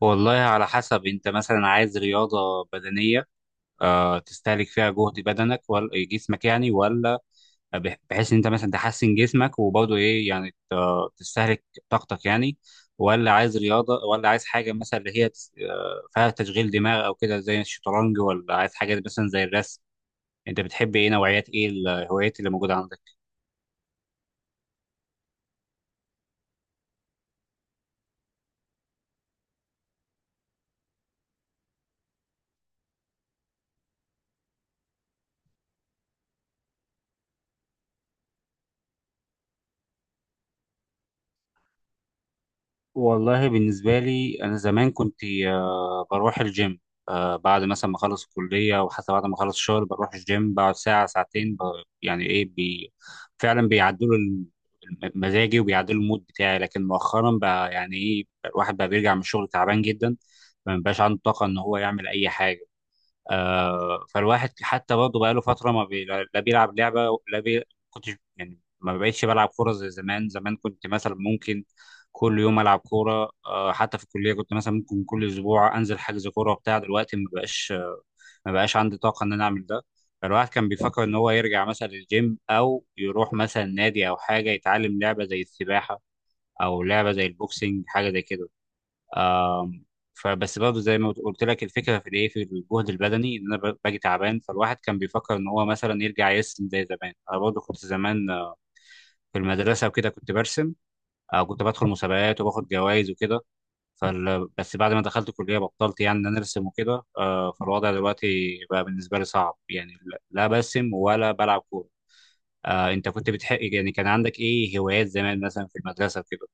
والله على حسب، انت مثلا عايز رياضة بدنية تستهلك فيها جهد بدنك ولا جسمك يعني، ولا بحيث ان انت مثلا تحسن جسمك وبرضه ايه يعني تستهلك طاقتك يعني، ولا عايز رياضة، ولا عايز حاجة مثلا اللي هي فيها تشغيل دماغ او كده زي الشطرنج، ولا عايز حاجة مثلا زي الرسم؟ انت بتحب ايه نوعيات، ايه الهوايات اللي موجودة عندك؟ والله بالنسبة لي، أنا زمان كنت بروح الجيم. بعد مثلا ما أخلص الكلية، وحتى بعد ما أخلص الشغل، بروح الجيم بقعد ساعة ساعتين ب- يعني إيه بي فعلا بيعدلوا مزاجي وبيعدلوا المود بتاعي. لكن مؤخرا بقى يعني إيه الواحد بقى بيرجع من الشغل تعبان جدا، ما بيبقاش عنده طاقة إن هو يعمل أي حاجة. فالواحد حتى برضه بقاله فترة ما بي... لا بيلعب لعبة، لا بي... كنتش يعني ما بقتش بلعب كورة زي زمان. زمان كنت مثلا ممكن كل يوم ألعب كورة. آه، حتى في الكلية كنت مثلا ممكن كل أسبوع أنزل حجز كورة وبتاع. دلوقتي ما بقاش عندي طاقة إن أنا أعمل ده. فالواحد كان بيفكر إن هو يرجع مثلا للجيم، أو يروح مثلا نادي، أو حاجة يتعلم لعبة زي السباحة، أو لعبة زي البوكسينج، حاجة زي كده. آم، فبس برضه زي ما قلت لك، الفكره في في الجهد البدني، ان انا باجي تعبان. فالواحد كان بيفكر ان هو مثلا يرجع يرسم زي زمان. انا برضه كنت زمان في المدرسه وكده كنت برسم، او كنت بدخل مسابقات وباخد جوائز وكده. بس بعد ما دخلت الكليه بطلت يعني ان انا ارسم وكده. آه، فالوضع دلوقتي بقى بالنسبه لي صعب يعني، لا برسم ولا بلعب كوره. آه، انت كنت بتحق يعني كان عندك ايه هوايات زمان مثلا في المدرسه وكده؟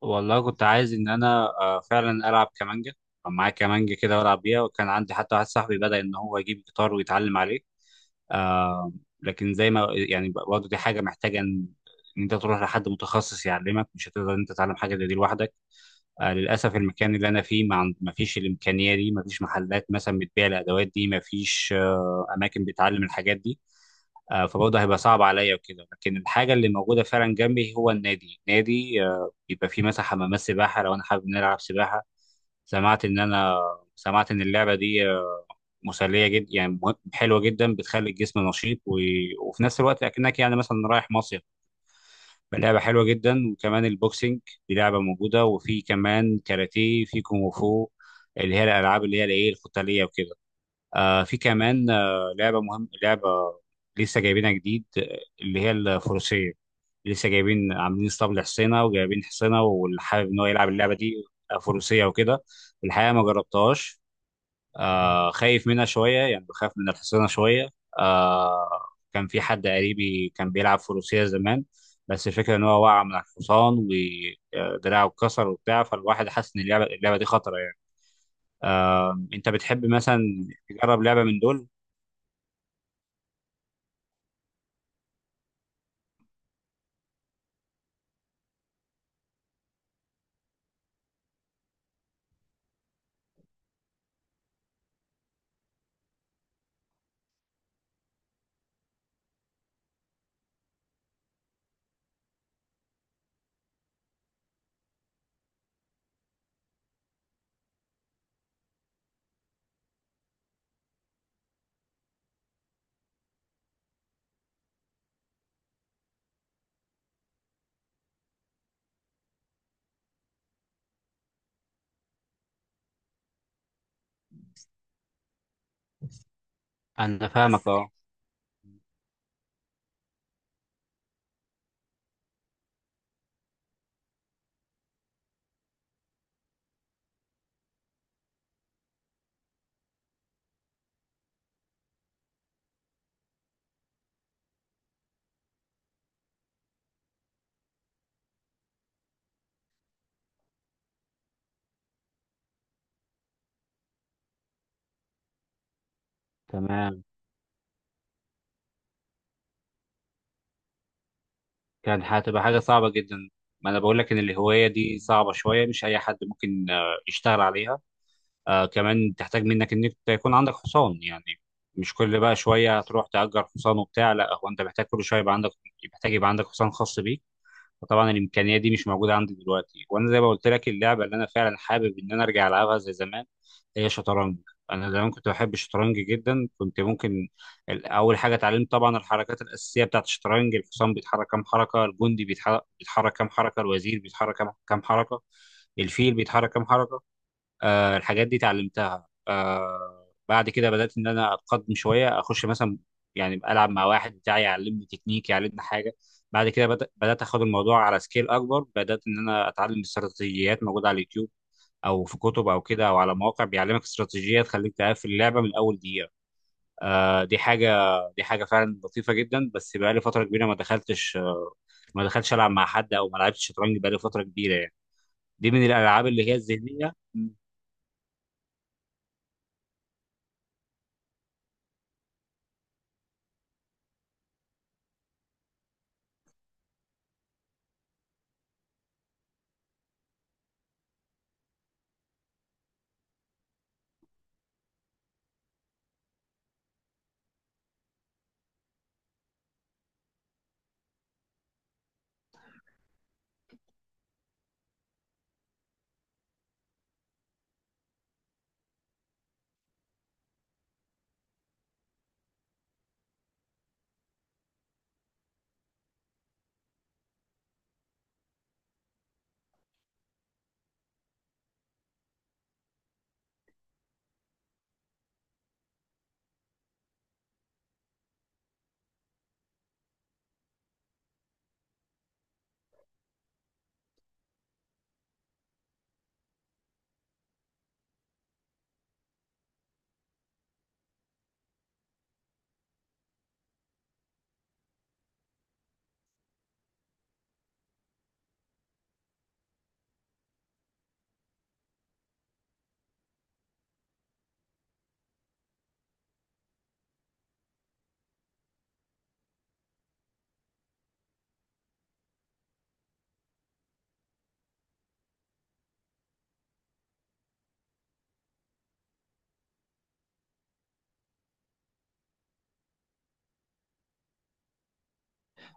والله كنت عايز ان انا فعلا العب كمانجا. كان معايا كمانجا كده والعب بيها، وكان عندي حتى واحد صاحبي بدأ ان هو يجيب جيتار ويتعلم عليه. آه، لكن زي ما يعني، برضه دي حاجه محتاجه إن انت تروح لحد متخصص يعلمك، مش هتقدر إن انت تتعلم حاجه زي دي لوحدك. آه، للاسف المكان اللي انا فيه ما فيش الامكانيه دي، ما فيش محلات مثلا بتبيع الادوات دي، ما فيش آه اماكن بتعلم الحاجات دي. آه، فبرضه هيبقى صعب عليا وكده. لكن الحاجه اللي موجوده فعلا جنبي هو النادي. نادي آه، يبقى في مثلا حمامات سباحة لو أنا حابب نلعب سباحة. سمعت إن أنا سمعت إن اللعبة دي مسلية جدا يعني، حلوة جدا، بتخلي الجسم نشيط، وفي نفس الوقت أكنك يعني مثلا رايح مصيف. لعبة حلوة جدا. وكمان البوكسينج، دي لعبة موجودة. وفي كمان كاراتيه، في كونغ فو، اللي هي الألعاب اللي هي الإيه القتالية وكده. آه، في كمان آه لعبة لسه جايبينها جديد، آه، اللي هي الفروسية. لسه جايبين، عاملين اسطبل لحسينه وجايبين حسينه، واللي حابب ان هو يلعب اللعبه دي فروسيه وكده. الحقيقه ما جربتهاش. آه، خايف منها شويه يعني، بخاف من الحصينه شويه. آه، كان في حد قريبي كان بيلعب فروسيه زمان، بس الفكره ان هو وقع من على الحصان ودراعه اتكسر وبتاع. فالواحد حاسس ان اللعبه دي خطره يعني. آه، انت بتحب مثلا تجرب لعبه من دول؟ انا فاهمك، اه. تمام. كان هتبقى حاجة صعبة جدا. ما أنا بقول لك إن الهواية دي صعبة شوية، مش أي حد ممكن يشتغل عليها. آه، كمان تحتاج منك إنك يكون عندك حصان يعني. مش كل بقى شوية هتروح تأجر حصان وبتاع. لا، هو أنت محتاج كل شوية يبقى عندك، يبقى عندك حصان خاص بيك. فطبعا الامكانيه دي مش موجوده عندي دلوقتي. وانا زي ما قلت لك، اللعبه اللي انا فعلا حابب ان انا ارجع العبها زي زمان هي شطرنج. انا زمان كنت بحب الشطرنج جدا. كنت ممكن، اول حاجه اتعلمت طبعا الحركات الاساسيه بتاعت الشطرنج. الحصان بيتحرك كام حركه، الجندي بيتحرك كام حركه، الوزير بيتحرك كام حركه، الفيل بيتحرك كام حركه. آه، الحاجات دي اتعلمتها. آه، بعد كده بدأت إن أنا أتقدم شوية، أخش مثلا يعني ألعب مع واحد بتاعي يعلمني تكنيك، يعلمني حاجة. بعد كده بدأت أخد الموضوع على سكيل أكبر، بدأت إن أنا أتعلم استراتيجيات موجودة على اليوتيوب أو في كتب أو كده، أو على مواقع بيعلمك استراتيجية تخليك تقفل اللعبة من أول دقيقة. آه، دي حاجة فعلا لطيفة جدا. بس بقالي فترة كبيرة ما دخلتش ألعب مع حد، أو ما لعبتش شطرنج بقالي فترة كبيرة يعني. دي من الألعاب اللي هي الذهنية.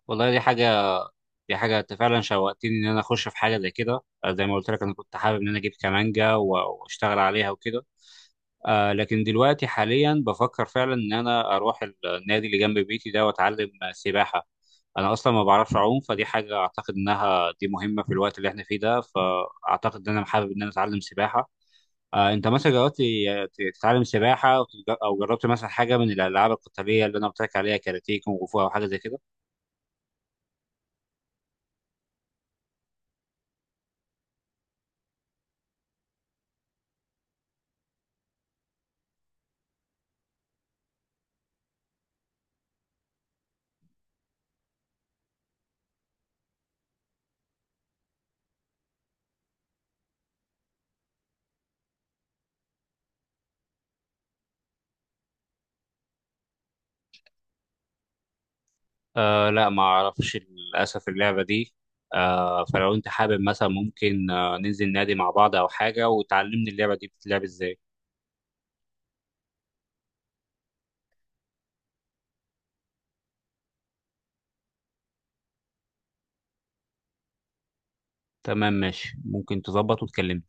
والله دي حاجة انت فعلا شوقتني ان انا اخش في حاجة زي كده. آه، زي ما قلت لك، انا كنت حابب ان انا اجيب كمانجا واشتغل عليها وكده. آه، لكن دلوقتي حاليا بفكر فعلا ان انا اروح النادي اللي جنب بيتي ده واتعلم سباحة. انا اصلا ما بعرفش اعوم، فدي حاجة اعتقد انها دي مهمة في الوقت اللي احنا فيه ده، فاعتقد ان انا حابب ان انا اتعلم سباحة. آه، انت مثلا جربت تتعلم سباحة، او تج- أو جربت مثلا حاجة من الالعاب القتالية اللي انا قلت لك عليها، كاراتيه، كونغ فو، او حاجة زي كده؟ آه، لا ما اعرفش للاسف اللعبه دي. آه، فلو انت حابب مثلا ممكن ننزل نادي مع بعض او حاجه، وتعلمني اللعبه دي بتتلعب ازاي. تمام، ماشي، ممكن تظبط وتكلمني.